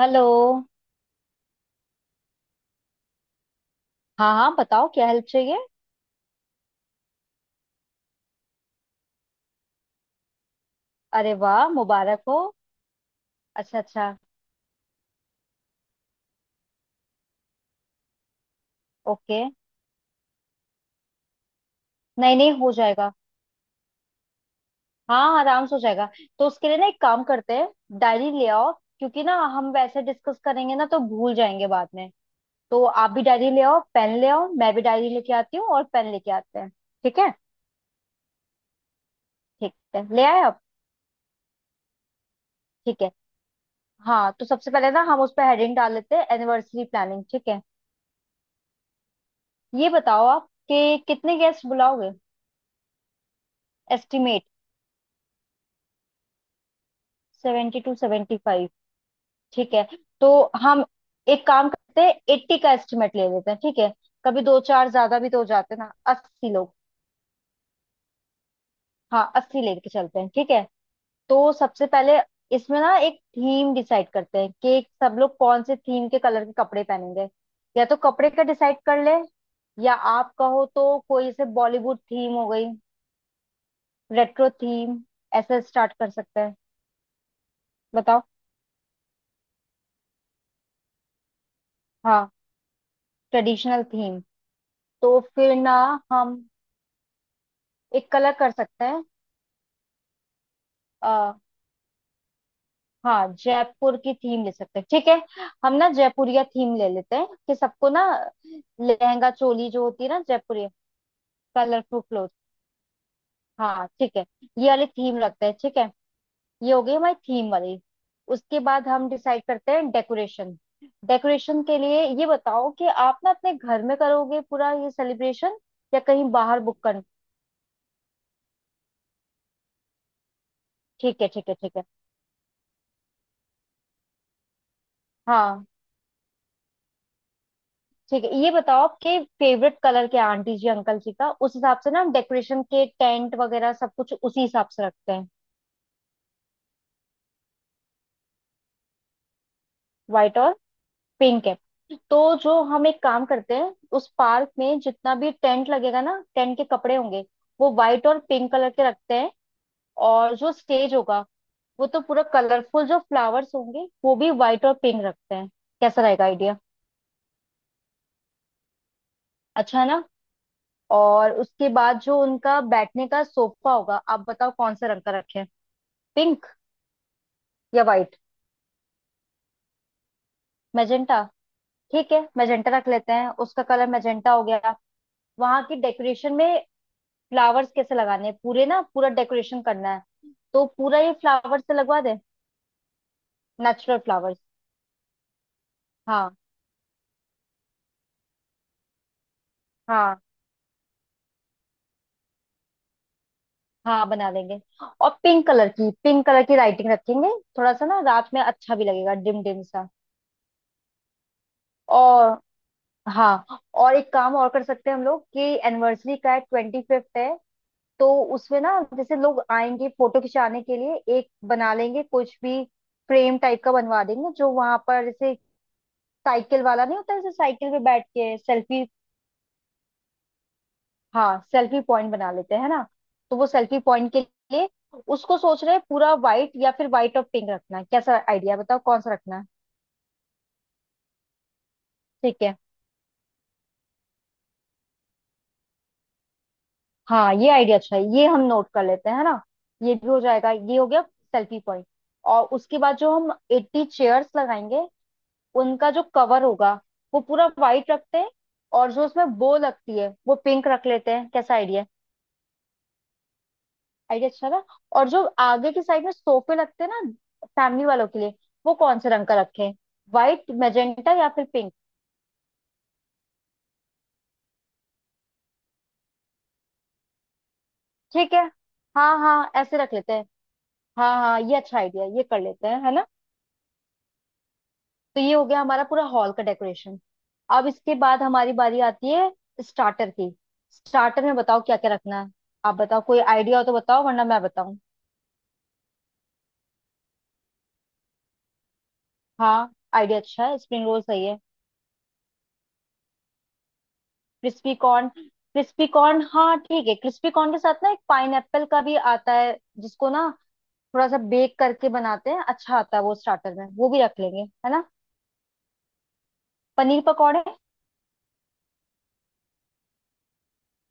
Hello. हाँ हाँ बताओ क्या हेल्प चाहिए। अरे वाह मुबारक हो। अच्छा अच्छा। ओके। नहीं नहीं हो जाएगा। हाँ आराम से हो जाएगा। तो उसके लिए ना एक काम करते हैं, डायरी ले आओ। क्योंकि ना हम वैसे डिस्कस करेंगे ना तो भूल जाएंगे बाद में। तो आप भी डायरी ले आओ पेन ले आओ, मैं भी डायरी लेके आती हूँ और पेन लेके आते हैं। ठीक है। ठीक है ले आए आप? ठीक है। हाँ तो सबसे पहले ना हम उस पर हेडिंग डाल लेते हैं, एनिवर्सरी प्लानिंग। ठीक है। ये बताओ आप कि कितने गेस्ट बुलाओगे। एस्टिमेट। 72 to seventy. ठीक है। तो हम एक काम करते हैं 80 का एस्टिमेट ले लेते हैं, ठीक है। कभी दो चार ज्यादा भी तो हो जाते हैं ना, 80 लोग। हाँ 80 लेके चलते हैं, ठीक है। तो सबसे पहले इसमें ना एक थीम डिसाइड करते हैं कि सब लोग कौन से थीम के कलर के कपड़े पहनेंगे। या तो कपड़े का डिसाइड कर ले, या आप कहो तो कोई ऐसे बॉलीवुड थीम हो गई, रेट्रो थीम, ऐसे स्टार्ट कर सकते हैं। बताओ। हाँ ट्रेडिशनल थीम। तो फिर ना हम एक कलर कर सकते हैं। हाँ जयपुर की थीम ले सकते हैं, ठीक है। हम ना जयपुरिया थीम ले लेते हैं, कि सबको ना लहंगा चोली जो होती है ना जयपुरिया, कलरफुल क्लोथ। हाँ ठीक है, ये वाली थीम रखते हैं, ठीक है। ये हो गई हमारी थीम वाली। उसके बाद हम डिसाइड करते हैं डेकोरेशन। डेकोरेशन के लिए ये बताओ कि आप ना अपने घर में करोगे पूरा ये सेलिब्रेशन, या कहीं बाहर बुक कर। ठीक है ठीक है ठीक है, हाँ ठीक है। ये बताओ आपके फेवरेट कलर क्या है आंटी जी अंकल जी का, उस हिसाब से ना हम डेकोरेशन के टेंट वगैरह सब कुछ उसी हिसाब से रखते हैं। व्हाइट और पिंक है। तो जो हम एक काम करते हैं, उस पार्क में जितना भी टेंट लगेगा ना टेंट के कपड़े होंगे, वो व्हाइट और पिंक कलर के रखते हैं। और जो स्टेज होगा, वो तो पूरा कलरफुल, जो फ्लावर्स होंगे वो भी व्हाइट और पिंक रखते हैं। कैसा रहेगा आइडिया? अच्छा है ना। और उसके बाद जो उनका बैठने का सोफा होगा, आप बताओ कौन से रंग का रखें, पिंक या व्हाइट? मैजेंटा। ठीक है मैजेंटा रख लेते हैं, उसका कलर मैजेंटा हो गया। वहां की डेकोरेशन में फ्लावर्स कैसे लगाने हैं, पूरे ना पूरा डेकोरेशन करना है, तो पूरा ये फ्लावर्स से लगवा दे, नेचुरल फ्लावर्स। हाँ हाँ हाँ बना देंगे। और पिंक कलर की लाइटिंग रखेंगे, थोड़ा सा ना रात में अच्छा भी लगेगा डिम डिम सा। और हाँ, और एक काम और कर सकते हैं हम लोग कि एनिवर्सरी का है, 25th है तो उसमें ना जैसे लोग आएंगे फोटो खिंचाने के लिए एक बना लेंगे कुछ भी, फ्रेम टाइप का बनवा देंगे, जो वहां पर जैसे साइकिल वाला नहीं होता जैसे साइकिल पे बैठ के सेल्फी। हाँ सेल्फी पॉइंट बना लेते हैं ना। तो वो सेल्फी पॉइंट के लिए उसको सोच रहे हैं पूरा व्हाइट या फिर व्हाइट और पिंक रखना है, कैसा आइडिया बताओ कौन सा रखना है। ठीक है। हाँ ये आइडिया अच्छा है, ये हम नोट कर लेते हैं है ना। ये भी हो जाएगा, ये हो गया सेल्फी पॉइंट। और उसके बाद जो हम 80 चेयर्स लगाएंगे, उनका जो कवर होगा वो पूरा वाइट रखते हैं। और जो उसमें बो लगती है वो पिंक रख लेते हैं, कैसा आइडिया है? आइडिया अच्छा था। और जो आगे की साइड में सोफे लगते हैं ना, फैमिली वालों के लिए, वो कौन से रंग का रखें, वाइट मैजेंटा या फिर पिंक? ठीक है, हाँ हाँ ऐसे रख लेते हैं। हाँ हाँ ये अच्छा आइडिया है, ये कर लेते हैं है ना। तो ये हो गया हमारा पूरा हॉल का डेकोरेशन। अब इसके बाद हमारी बारी आती है स्टार्टर की। स्टार्टर में बताओ क्या क्या रखना है। आप बताओ कोई आइडिया हो तो बताओ, वरना मैं बताऊं। हाँ आइडिया अच्छा है, स्प्रिंग रोल सही है। क्रिस्पी कॉर्न, क्रिस्पी कॉर्न हाँ ठीक है। क्रिस्पी कॉर्न के साथ ना एक पाइन का भी आता है, जिसको ना थोड़ा सा बेक करके बनाते हैं, अच्छा आता है वो स्टार्टर में, वो भी रख लेंगे है ना। पनीर पकौड़े।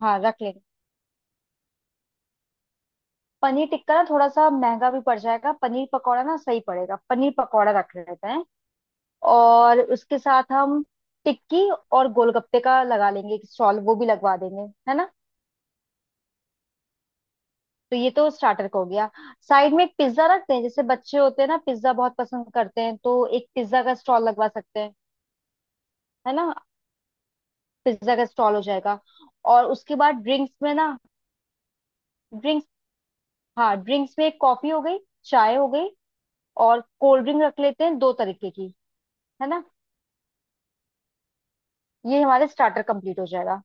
हाँ रख लेंगे। पनीर टिक्का ना थोड़ा सा महंगा भी पड़ जाएगा, पनीर पकौड़ा ना सही पड़ेगा, पनीर पकौड़ा रख लेते हैं। और उसके साथ हम टिक्की और गोलगप्पे का लगा लेंगे एक स्टॉल, वो भी लगवा देंगे है ना। तो ये तो स्टार्टर का हो गया। साइड में एक पिज्जा रखते हैं, जैसे बच्चे होते हैं ना पिज्जा बहुत पसंद करते हैं, तो एक पिज्जा का स्टॉल लगवा सकते हैं है ना। पिज्जा का स्टॉल हो जाएगा। और उसके बाद ड्रिंक्स में ना, ड्रिंक्स, हाँ ड्रिंक्स में एक कॉफी हो गई, चाय हो गई, और कोल्ड ड्रिंक रख लेते हैं दो तरीके की है ना। ये हमारे स्टार्टर कंप्लीट हो जाएगा।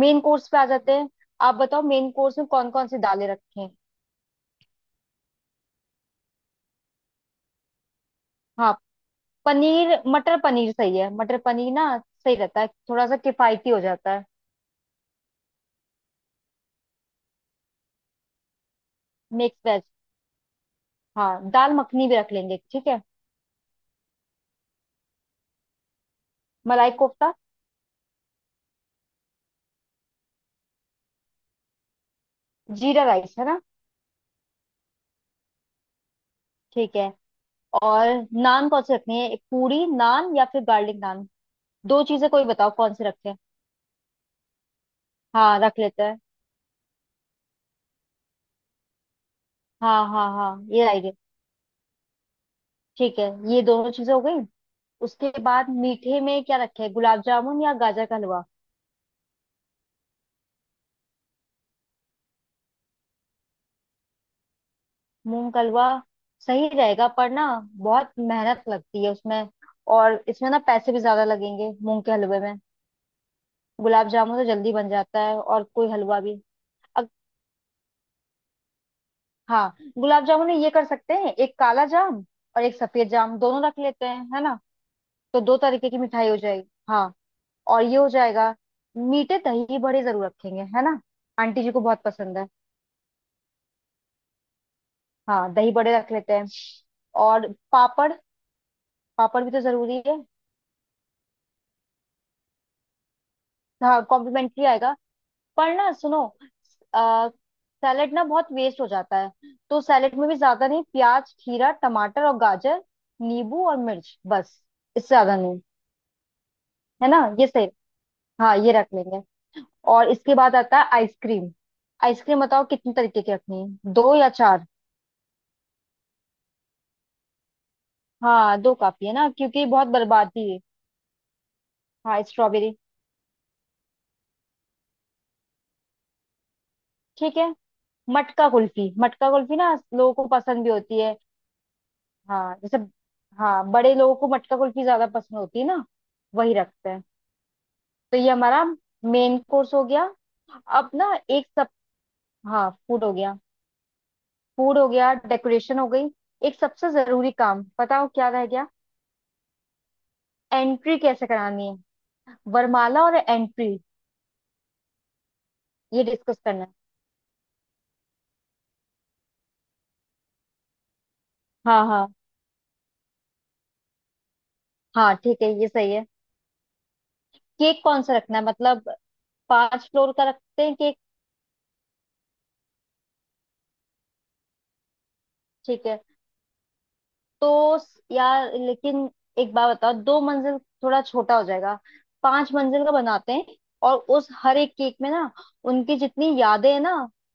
मेन कोर्स पे आ जाते हैं। आप बताओ मेन कोर्स में कौन कौन सी दालें रखें। हाँ पनीर मटर पनीर सही है, मटर पनीर ना सही रहता है, थोड़ा सा किफायती हो जाता है। मिक्स। हाँ दाल मखनी भी रख लेंगे, ठीक है। मलाई कोफ्ता। जीरा राइस है ना, ठीक है। और नान कौन से रखनी है, एक पूरी नान या फिर गार्लिक नान, दो चीजें कोई बताओ कौन से रखें। हाँ रख लेते हैं, हाँ हाँ हाँ ये आइडिया। ठीक है, ये दोनों चीजें हो गई। उसके बाद मीठे में क्या रखें, गुलाब जामुन या गाजर का हलवा? मूंग का हलवा सही रहेगा पर ना बहुत मेहनत लगती है उसमें, और इसमें ना पैसे भी ज्यादा लगेंगे मूंग के हलवे में। गुलाब जामुन तो जल्दी बन जाता है और कोई हलवा भी। हाँ गुलाब जामुन में ये कर सकते हैं, एक काला जाम और एक सफेद जाम दोनों रख लेते हैं है ना। तो दो तरीके की मिठाई हो जाएगी हाँ। और ये हो जाएगा। मीठे दही बड़े जरूर रखेंगे है ना, आंटी जी को बहुत पसंद है। हाँ दही बड़े रख लेते हैं। और पापड़, पापड़ भी तो जरूरी है। हाँ कॉम्प्लीमेंट्री आएगा। पर ना सुनो, आ, सैलेड ना बहुत वेस्ट हो जाता है, तो सैलेड में भी ज्यादा नहीं, प्याज खीरा टमाटर और गाजर, नींबू और मिर्च बस, इससे ज्यादा नहीं। है ना ये सही। हाँ ये रख लेंगे। और इसके बाद आता है आइसक्रीम। आइसक्रीम बताओ कितने तरीके की रखनी है, दो या चार? हाँ दो काफी है ना, क्योंकि बहुत बर्बादी है। हाँ स्ट्रॉबेरी। ठीक है। मटका कुल्फी, मटका कुल्फी ना लोगों को पसंद भी होती है। हाँ जैसे, हाँ बड़े लोगों को मटका कुल्फी ज्यादा पसंद होती है ना। वही रखते हैं। तो ये हमारा मेन कोर्स हो गया। अब ना एक सब, हाँ फूड हो गया। फूड हो गया, डेकोरेशन हो गई। एक सबसे जरूरी काम बताओ क्या रह गया। एंट्री कैसे करानी है? वरमाला और एंट्री, ये डिस्कस करना है। हाँ हाँ हाँ, ठीक है ये सही है। केक कौन सा रखना है मतलब, 5 फ्लोर का रखते हैं केक। ठीक है। तो यार लेकिन एक बात बताओ, 2 मंजिल थोड़ा छोटा हो जाएगा, 5 मंजिल का बनाते हैं। और उस हर एक केक में ना उनकी जितनी यादें हैं ना,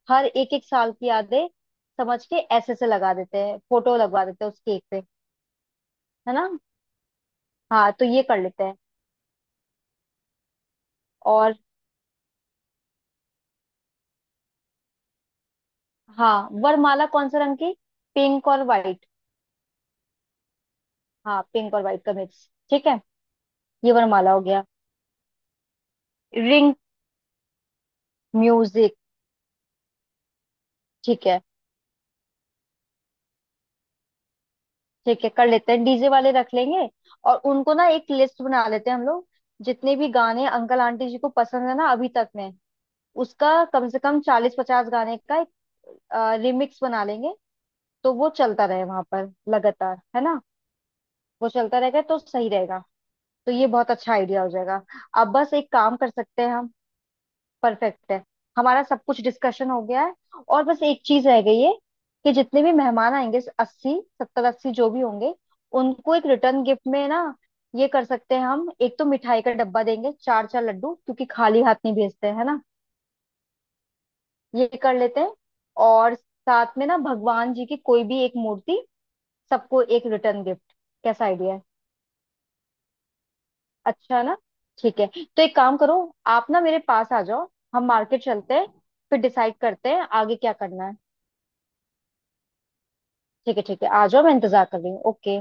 हर एक एक साल की यादें समझ के ऐसे से लगा देते हैं, फोटो लगवा देते हैं उस केक पे, है ना। हाँ तो ये कर लेते हैं। और हाँ वरमाला कौन सा रंग की, पिंक और व्हाइट? हाँ पिंक और व्हाइट का मिक्स, ठीक है। ये वरमाला हो गया। Ring, music. ठीक है ठीक है कर लेते हैं, डीजे वाले रख लेंगे। और उनको ना एक लिस्ट बना लेते हैं हम लोग, जितने भी गाने अंकल आंटी जी को पसंद है ना अभी तक में, उसका कम से कम 40-50 गाने का एक रिमिक्स बना लेंगे। तो वो चलता रहे वहां पर लगातार है ना, वो चलता रहेगा तो सही रहेगा। तो ये बहुत अच्छा आइडिया हो जाएगा। अब बस एक काम कर सकते हैं हम। परफेक्ट है, हमारा सब कुछ डिस्कशन हो गया है, और बस एक चीज रह गई है कि जितने भी मेहमान आएंगे, 80 70 80 जो भी होंगे, उनको एक रिटर्न गिफ्ट में ना ये कर सकते हैं हम, एक तो मिठाई का डब्बा देंगे चार चार लड्डू, क्योंकि खाली हाथ नहीं भेजते हैं है ना। ये कर लेते हैं। और साथ में ना भगवान जी की कोई भी एक मूर्ति सबको, एक रिटर्न गिफ्ट, कैसा आइडिया है। अच्छा है ना, ठीक है। तो एक काम करो आप ना मेरे पास आ जाओ, हम मार्केट चलते हैं, फिर डिसाइड करते हैं आगे क्या करना है। ठीक है ठीक है आ जाओ, मैं इंतजार कर रही हूँ। ओके।